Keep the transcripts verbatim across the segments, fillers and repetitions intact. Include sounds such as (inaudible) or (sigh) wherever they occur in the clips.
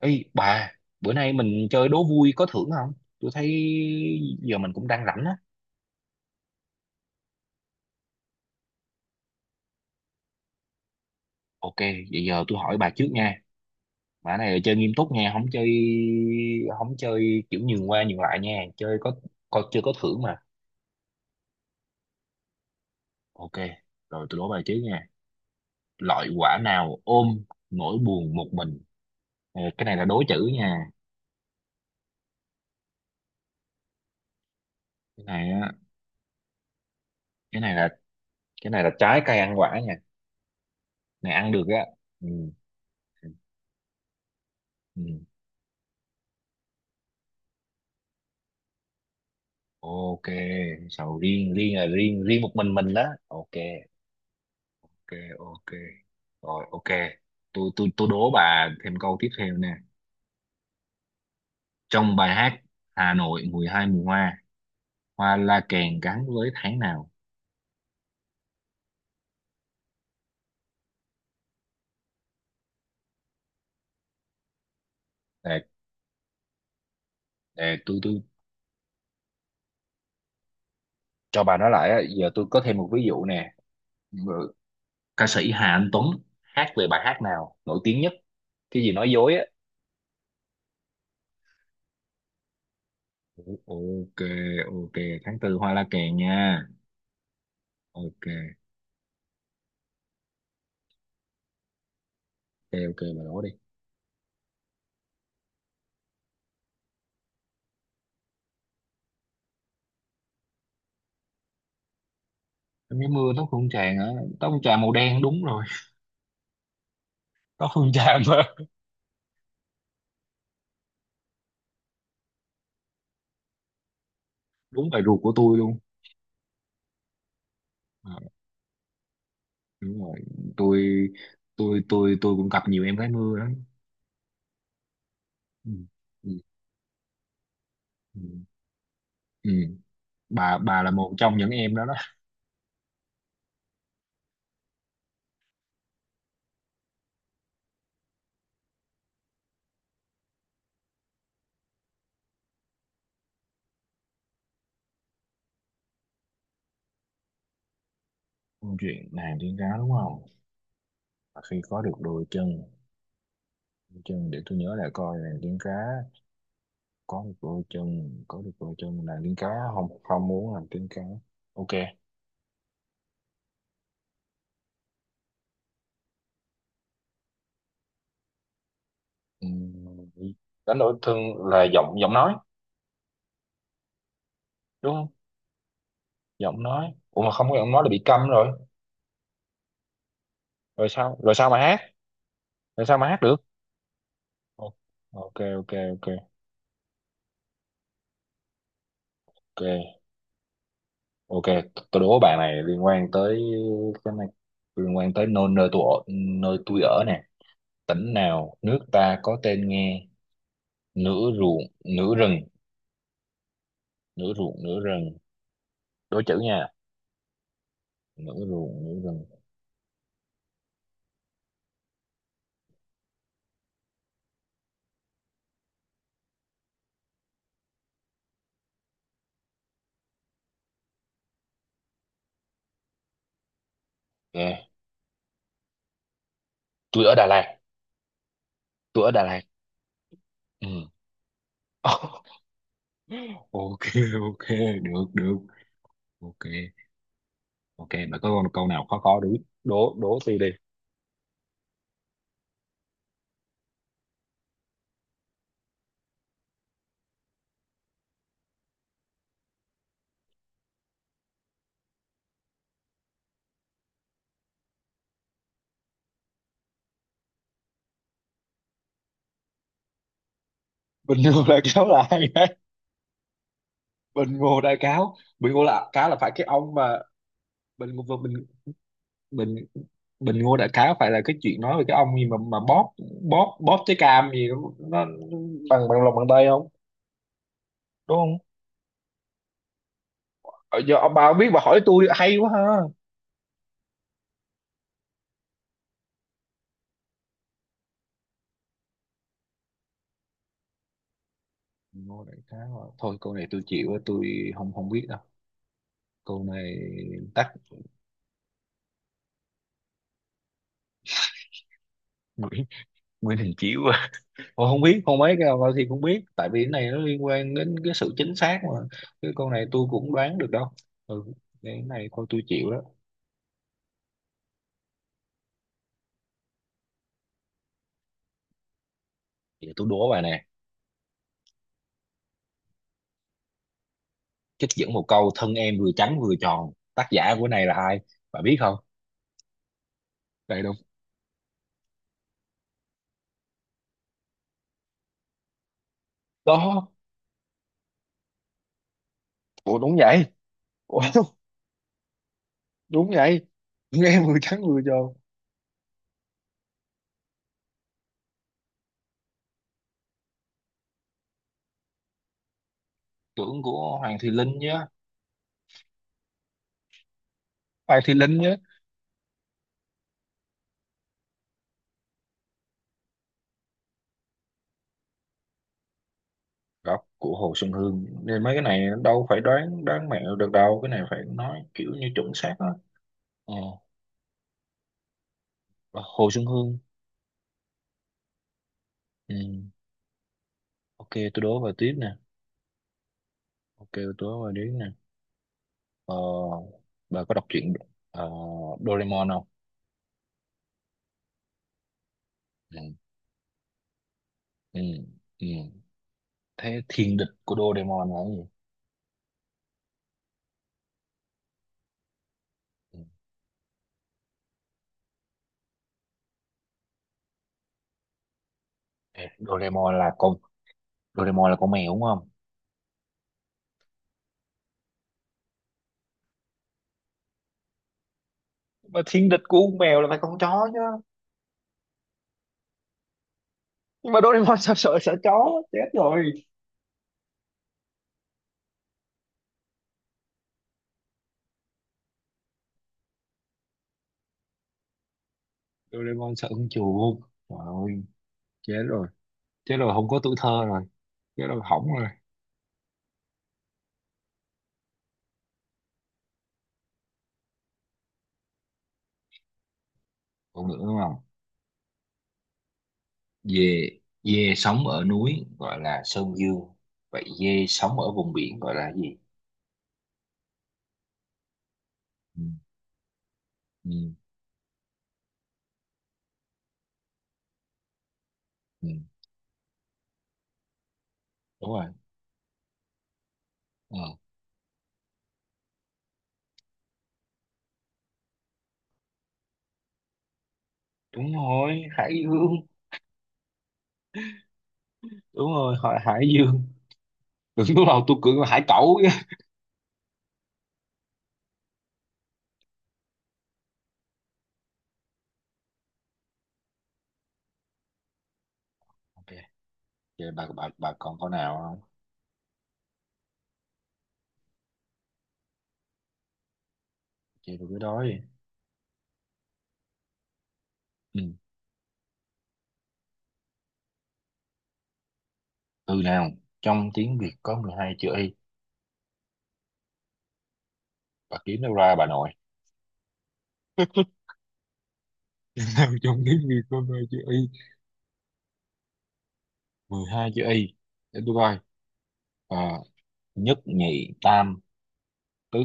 Ê bà, bữa nay mình chơi đố vui có thưởng không? Tôi thấy giờ mình cũng đang rảnh á. Ok, vậy giờ tôi hỏi bà trước nha. Bà này là chơi nghiêm túc nha, không chơi không chơi kiểu nhường qua nhường lại nha, chơi có có chơi có thưởng mà. Ok, rồi tôi đố bà trước nha. Loại quả nào ôm nỗi buồn một mình? Ờ, Cái này là đố chữ nha. Cái này á, cái này là cái này là trái cây ăn quả nha. Này ăn được á. Ừ, ừ. Ok, sầu riêng, riêng là riêng, riêng một mình mình đó. Ok, ok ok, rồi ok. Tôi tôi tôi đố bà thêm câu tiếp theo nè. Trong bài hát Hà Nội mười hai mùa hoa, hoa la kèn gắn với tháng nào? Để, để tôi tôi cho bà nói lại á. Giờ tôi có thêm một ví dụ nè. Rồi, ca sĩ Hà Anh Tuấn hát về bài hát nào nổi tiếng nhất, cái gì nói dối á? O- ok, ok, tháng tư hoa la kèn nha. Ok, ok, ok, bà đố đi. Em cái mưa tóc hương tràn hả? Tóc hương trà màu đen đúng rồi. (laughs) Tóc hương trà mà, đúng bài ruột của tôi luôn. Đúng rồi, tôi tôi tôi tôi cũng gặp nhiều em gái mưa lắm. Ừ. Ừ. Ừ. Ừ. bà bà là một trong những em đó đó. Câu chuyện nàng tiên cá đúng không? Và khi có được đôi chân, đôi chân, để tôi nhớ lại coi. Nàng tiên cá có được đôi chân, có được đôi chân, nàng tiên cá không không muốn, nàng tiên cá, ok. Ừ, đánh đổi thương là giọng giọng nói đúng không? Giọng nói, ủa mà không có giọng nói là bị câm rồi, rồi sao rồi sao mà hát, rồi sao mà hát được. Ồ, ok, ok, ok, ok. Ok, t- tôi đố bạn này liên quan tới cái này, liên quan tới nơi nơi tôi ở, nơi tôi ở nè. Tỉnh nào nước ta có tên nghe nửa ruộng nửa rừng, nửa ruộng nửa rừng, đố chữ nha, nửa ruộng nửa rừng. Ok, tôi ở Đà Lạt tôi ở Đà Lạt Ừ. (laughs) Ok, ok, được được, ok, ok. Mà có con câu nào khó, khó đố đố đố tôi đi. Bình Ngô Đại Cáo là ai đấy? Bình Ngô Đại Cáo, Bình Ngô là cá, là phải cái ông mà, bình ngô bình bình Bình Ngô Đại Khái phải là cái chuyện nói về cái ông gì mà mà bóp bóp bóp trái cam gì đó, nó nó bằng bằng lòng bàn tay không đúng không? Ờ, giờ ông bà không biết, bà hỏi tôi hay quá ha. Bình Ngô Đại Khái mà. Thôi câu này tôi chịu á, tôi không không biết đâu câu này. Tắt, Nguyễn Nguyễn Đình Chiểu à? Ôi, không biết không mấy cái nào thì không biết, tại vì cái này nó liên quan đến cái sự chính xác mà. Cái câu này tôi cũng đoán được đâu. Ừ, cái này thôi tôi chịu đó. Giờ tôi đố bà nè, trích dẫn một câu: thân em vừa trắng vừa tròn, tác giả của này là ai, bạn biết không? Đây đúng đó. Ủa đúng vậy? Ủa, (laughs) đúng vậy, nghe vừa trắng vừa tròn, tưởng của Hoàng Thùy Linh nhá, Hoàng Thùy Linh nhá. Góc của Hồ Xuân Hương nên mấy cái này đâu phải đoán đoán mẹo được đâu, cái này phải nói kiểu như chuẩn xác á. Ờ, Hồ Xuân Hương. Ừ. Ok, tôi đố vào tiếp nè. Ok, tôi đố vào tiếp nè. ờ bà có đọc truyện ờ, Doraemon không? Ừ. Ừ. Ừ. Thế thiên địch của Doraemon là cái gì? Ừ. Ê, Doraemon là con, Doraemon là con mèo đúng không, mà thiên địch của con mèo là phải con chó chứ, nhưng mà Doraemon (laughs) sao sợ sợ chó chết rồi. Doraemon sợ con chuột, trời ơi, chết rồi, chết rồi không có tuổi thơ rồi, chết rồi hỏng rồi. Còn nữa đúng không? Dê, dê sống ở núi gọi là sơn dương, vậy dê sống ở vùng biển gọi là gì? Ừ, ừ, ừ. Đúng rồi. Ờ, đúng rồi hải dương, đúng rồi hỏi hải dương, đừng có đâu tôi cưỡng là hải cẩu chứ. Ok, vậy bà bà bà còn câu nào không, chơi tôi cứ đói. Ừ. Từ nào trong tiếng Việt có mười hai chữ y? Bà kiếm đâu ra bà nội? (laughs) Nào trong tiếng Việt có mười hai chữ y? Mười hai chữ y, để tôi coi. Ờ, nhất nhì tam tứ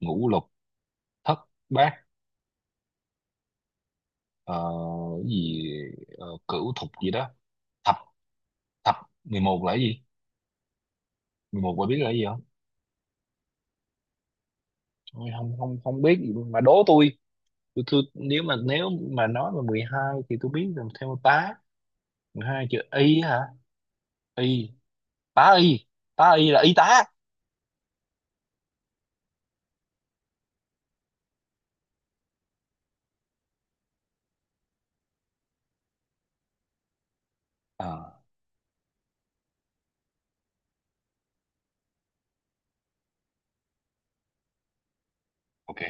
ngũ lục thất bát, ờ, cái gì, ờ, cửu thục gì đó, thập thập Mười một là cái gì, mười một bà biết là cái gì không? Ôi, không không không biết gì luôn. Mà đố tôi, tôi, tôi nếu mà, nếu mà nói mà mười hai thì tôi biết, làm theo tá. Hai chữ y hả? Y tá, y, tá y là y tá. À, ok.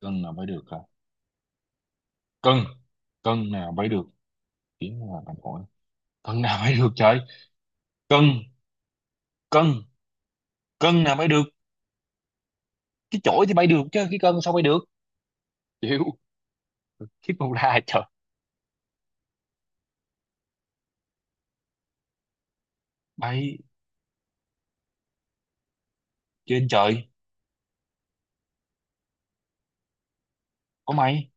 Cân nào mới được hả? Cân, cân nào mới được, tiếng là bằng phổi, cân nào mới được trời, cân cân cân nào mới được. Cái chổi thì bay được chứ cái cân sao bay được, chịu, cái con la trời. Bay, trên trời có mày,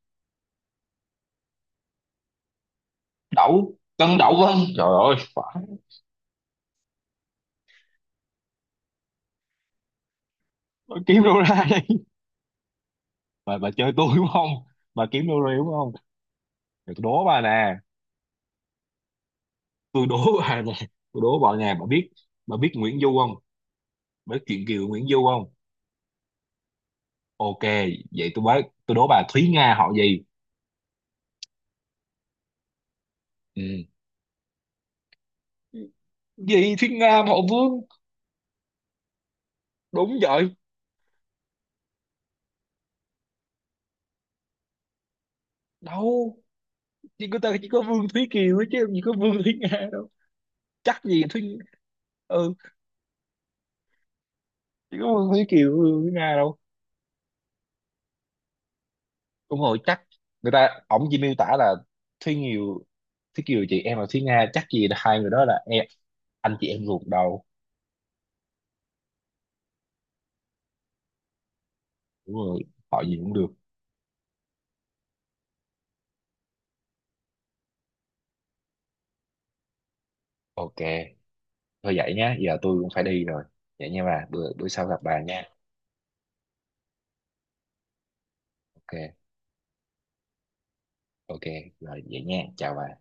đậu, cân đậu vân, trời ơi phải. Bà kiếm đâu ra đây? Bà, bà chơi tôi đúng không, bà kiếm đâu ra đúng không? Để tôi đố bà nè, tôi đố bà nè, tôi đố bà nè bà biết bà biết Nguyễn Du không, với chuyện Kiều Nguyễn Du không? Ok, vậy tôi bác, tôi đố bà Thúy Nga họ gì? Ừ. Gì Thúy Nga mà họ Vương, đúng vậy đâu, chỉ có ta chỉ có Vương Thúy Kiều thôi chứ làm gì có Vương Thúy Nga đâu, chắc gì Thúy. Ừ, chỉ có Vương Thúy Kiều, Vương Thúy Nga đâu. Đúng rồi, chắc người ta ổng chỉ miêu tả là Thúy Kiều. Thúy Kiều chị em là Thúy Nga, chắc gì là hai người đó là em, anh chị em ruột đâu. Đúng rồi, họ gì cũng được. Ok, thôi vậy nhá, giờ tôi cũng phải đi rồi. Vậy nha bà, bữa bữa sau gặp bà nha. Ok, ok, rồi vậy nha, chào bà.